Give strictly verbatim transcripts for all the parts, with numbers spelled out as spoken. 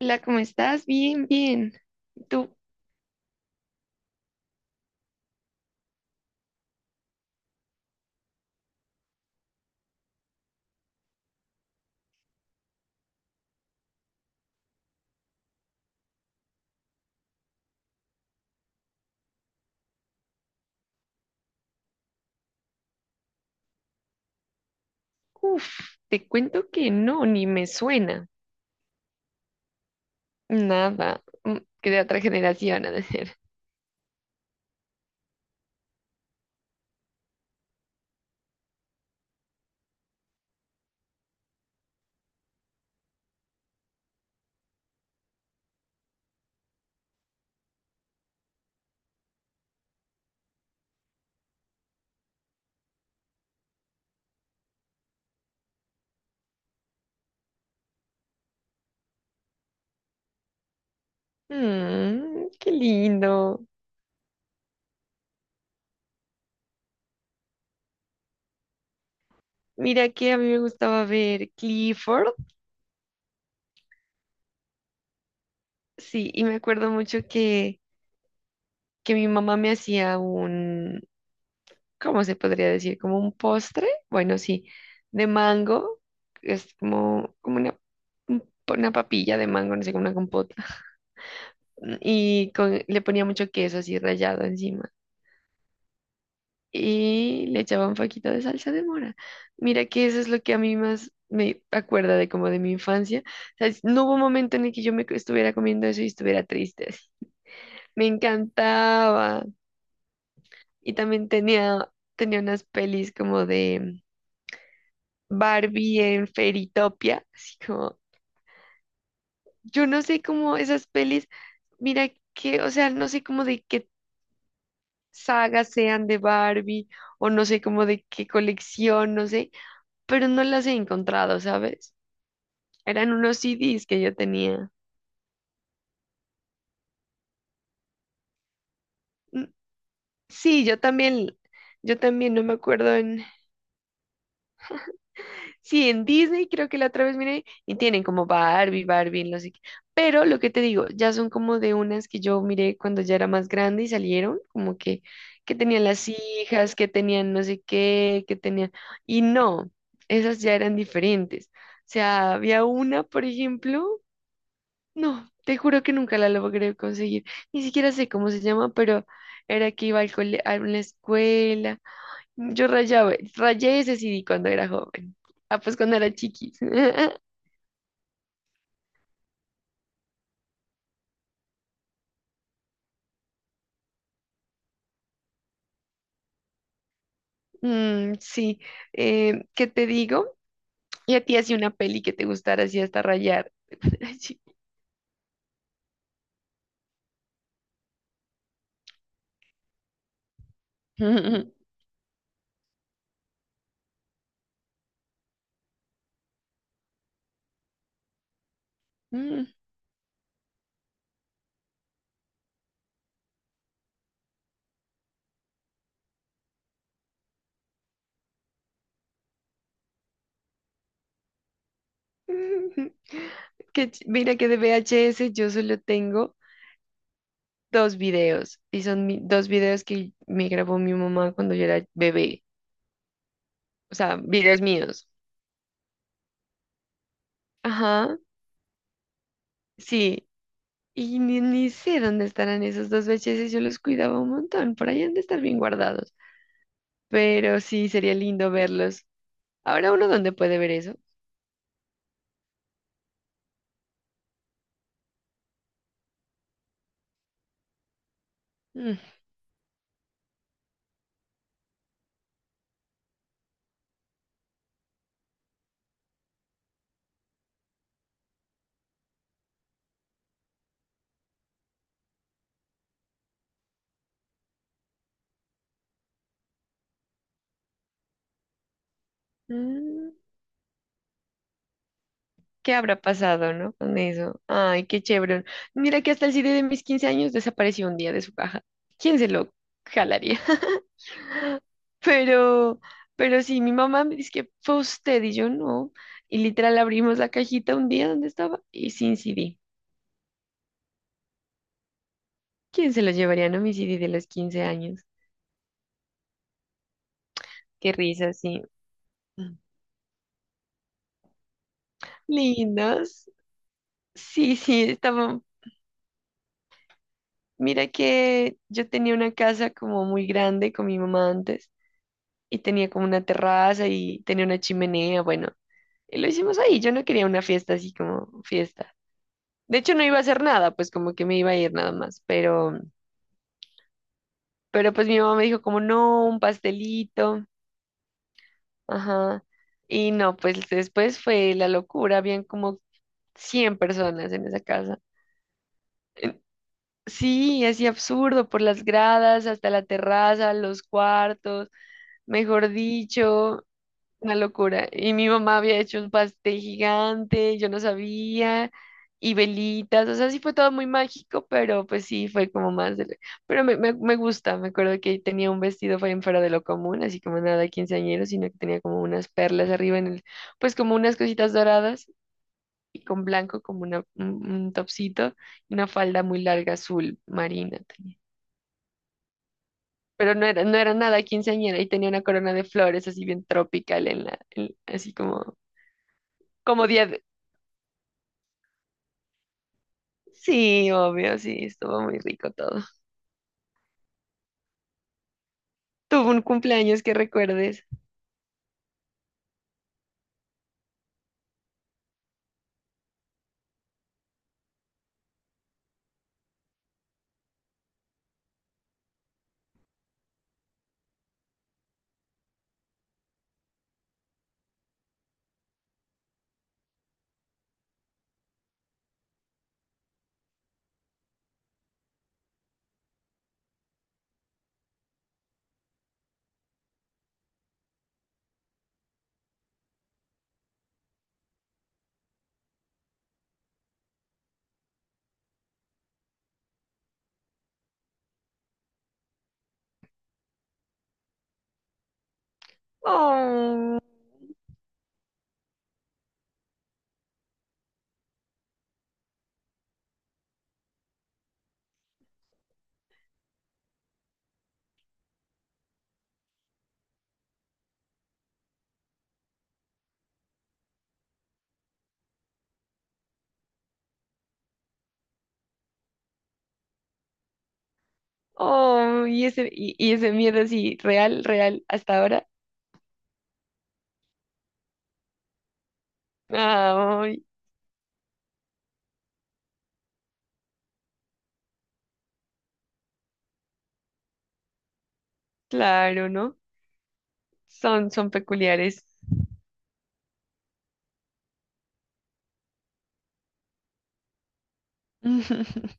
Hola, ¿cómo estás? Bien, bien. Tú, uff, te cuento que no, ni me suena. Nada. mm, Que de otra generación, a decir. Mmm, qué lindo. Mira que a mí me gustaba ver Clifford. Sí, y me acuerdo mucho que, que mi mamá me hacía un, ¿cómo se podría decir? Como un postre. Bueno, sí, de mango. Es como, como una, un- una papilla de mango, no sé, como una compota y con- le ponía mucho queso así rallado encima y le echaba un poquito de salsa de mora. Mira que eso es lo que a mí más me acuerda de como de mi infancia. O sea, es- no hubo un momento en el que yo me estuviera comiendo eso y estuviera triste. Me encantaba. Y también tenía, tenía unas pelis como de Barbie en Fairytopia, así como, yo no sé cómo esas pelis, mira que, o sea, no sé cómo de qué sagas sean de Barbie o no sé como de qué colección, no sé, pero no las he encontrado, ¿sabes? Eran unos C Ds que yo tenía. Mm, sí, yo también, yo también no me acuerdo en. Sí, en Disney creo que la otra vez miré y tienen como Barbie, Barbie, no sé qué. Pero lo que te digo, ya son como de unas que yo miré cuando ya era más grande y salieron, como que, que tenían las hijas, que tenían no sé qué, que tenían... Y no, esas ya eran diferentes. O sea, había una, por ejemplo, no, te juro que nunca la logré conseguir. Ni siquiera sé cómo se llama, pero era que iba al cole- a una escuela. Yo rayaba, rayé ese C D cuando era joven. Ah, pues cuando era chiquis. Mm, sí. Eh, ¿qué te digo? Y a ti hacía una peli que te gustara así hasta rayar, cuando era chiqui. Mm. Que ch- mira que de V H S yo solo tengo dos videos y son mi- dos videos que me grabó mi mamá cuando yo era bebé, o sea, videos míos. Ajá, sí. Y ni, ni sé dónde estarán esos dos V H S, yo los cuidaba un montón, por ahí han de estar bien guardados. Pero sí, sería lindo verlos. Ahora uno dónde puede ver eso. Mm, mm, ¿qué habrá pasado, no? Con eso. Ay, qué chévere. Mira que hasta el C D de mis quince años desapareció un día de su caja. ¿Quién se lo jalaría? Pero, pero sí, mi mamá me dice que fue usted y yo no. Y literal abrimos la cajita un día donde estaba y sin C D. ¿Quién se los llevaría a un homicidio de los quince años? Qué risa, sí. Mm. Lindos. Sí, sí, estaba. Mira que yo tenía una casa como muy grande con mi mamá antes y tenía como una terraza y tenía una chimenea, bueno, y lo hicimos ahí. Yo no quería una fiesta así como fiesta. De hecho, no iba a hacer nada, pues como que me iba a ir nada más, pero, pero pues mi mamá me dijo como no, un pastelito. Ajá. Y no, pues después fue la locura, habían como cien personas en esa casa. Eh, Sí, así absurdo, por las gradas, hasta la terraza, los cuartos, mejor dicho, una locura. Y mi mamá había hecho un pastel gigante, yo no sabía, y velitas, o sea, sí fue todo muy mágico, pero pues sí, fue como más de... Pero me, me, me gusta, me acuerdo que tenía un vestido fue fuera de lo común, así como nada quinceañero, sino que tenía como unas perlas arriba en el, pues como unas cositas doradas y con blanco como una, un, un topsito y una falda muy larga azul marina tenía. Pero no era, no era nada quinceañera y tenía una corona de flores así bien tropical en la, en- así como como día. Sí, obvio, sí, estuvo muy rico todo. Tuvo un cumpleaños que recuerdes. Oh, oh, y ese, y, y ese miedo así, real, real, hasta ahora. Ay, claro, ¿no? Son, son peculiares.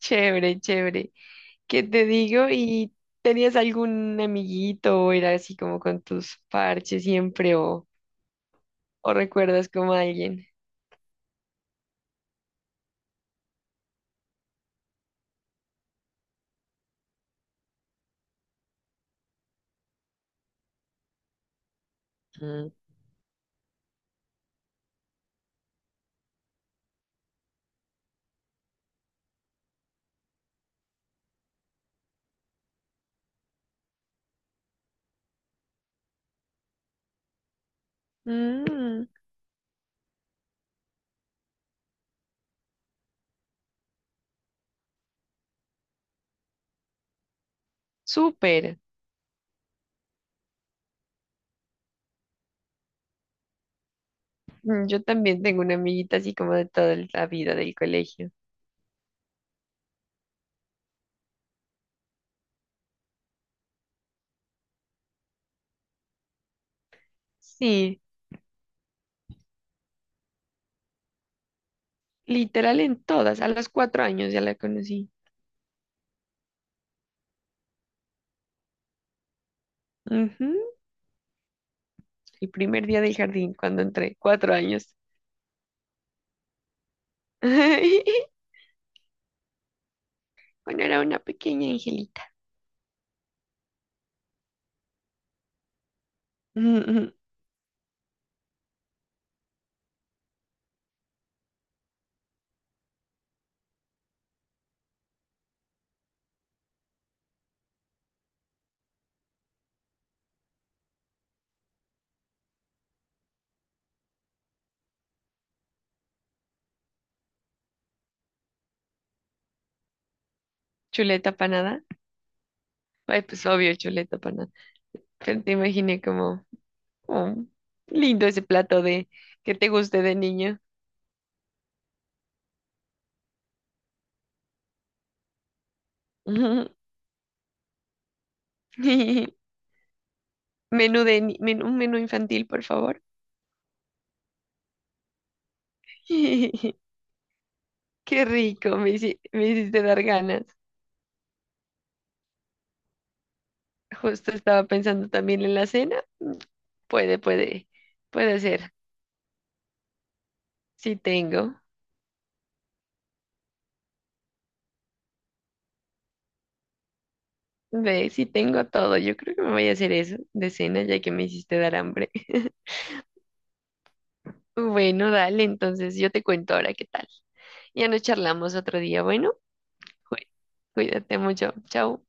Chévere, chévere. ¿Qué te digo? ¿Y tenías algún amiguito o era así como con tus parches siempre o, o recuerdas como a alguien? Mm. Mm, súper. Mm, yo también tengo una amiguita así como de toda la vida del colegio. Sí, literal en todas. A los cuatro años ya la conocí. Ujú. El primer día del jardín cuando entré, cuatro años. Bueno, era una pequeña angelita. Ujú. Chuleta panada. Ay, pues obvio, chuleta panada. Pero te imaginé como, oh, lindo ese plato de que te guste de niño. Ujú. Menú de, ni- menú, un menú infantil, por favor. Qué rico, me, hici- me hiciste dar ganas. Justo estaba pensando también en la cena. Mm, Puede, puede, puede ser. Si tengo, ve, si tengo todo. Yo creo que me voy a hacer eso de cena ya que me hiciste dar hambre. Bueno, dale, entonces yo te cuento ahora qué tal. Ya nos charlamos otro día. Bueno, cu- cuídate mucho. Chao.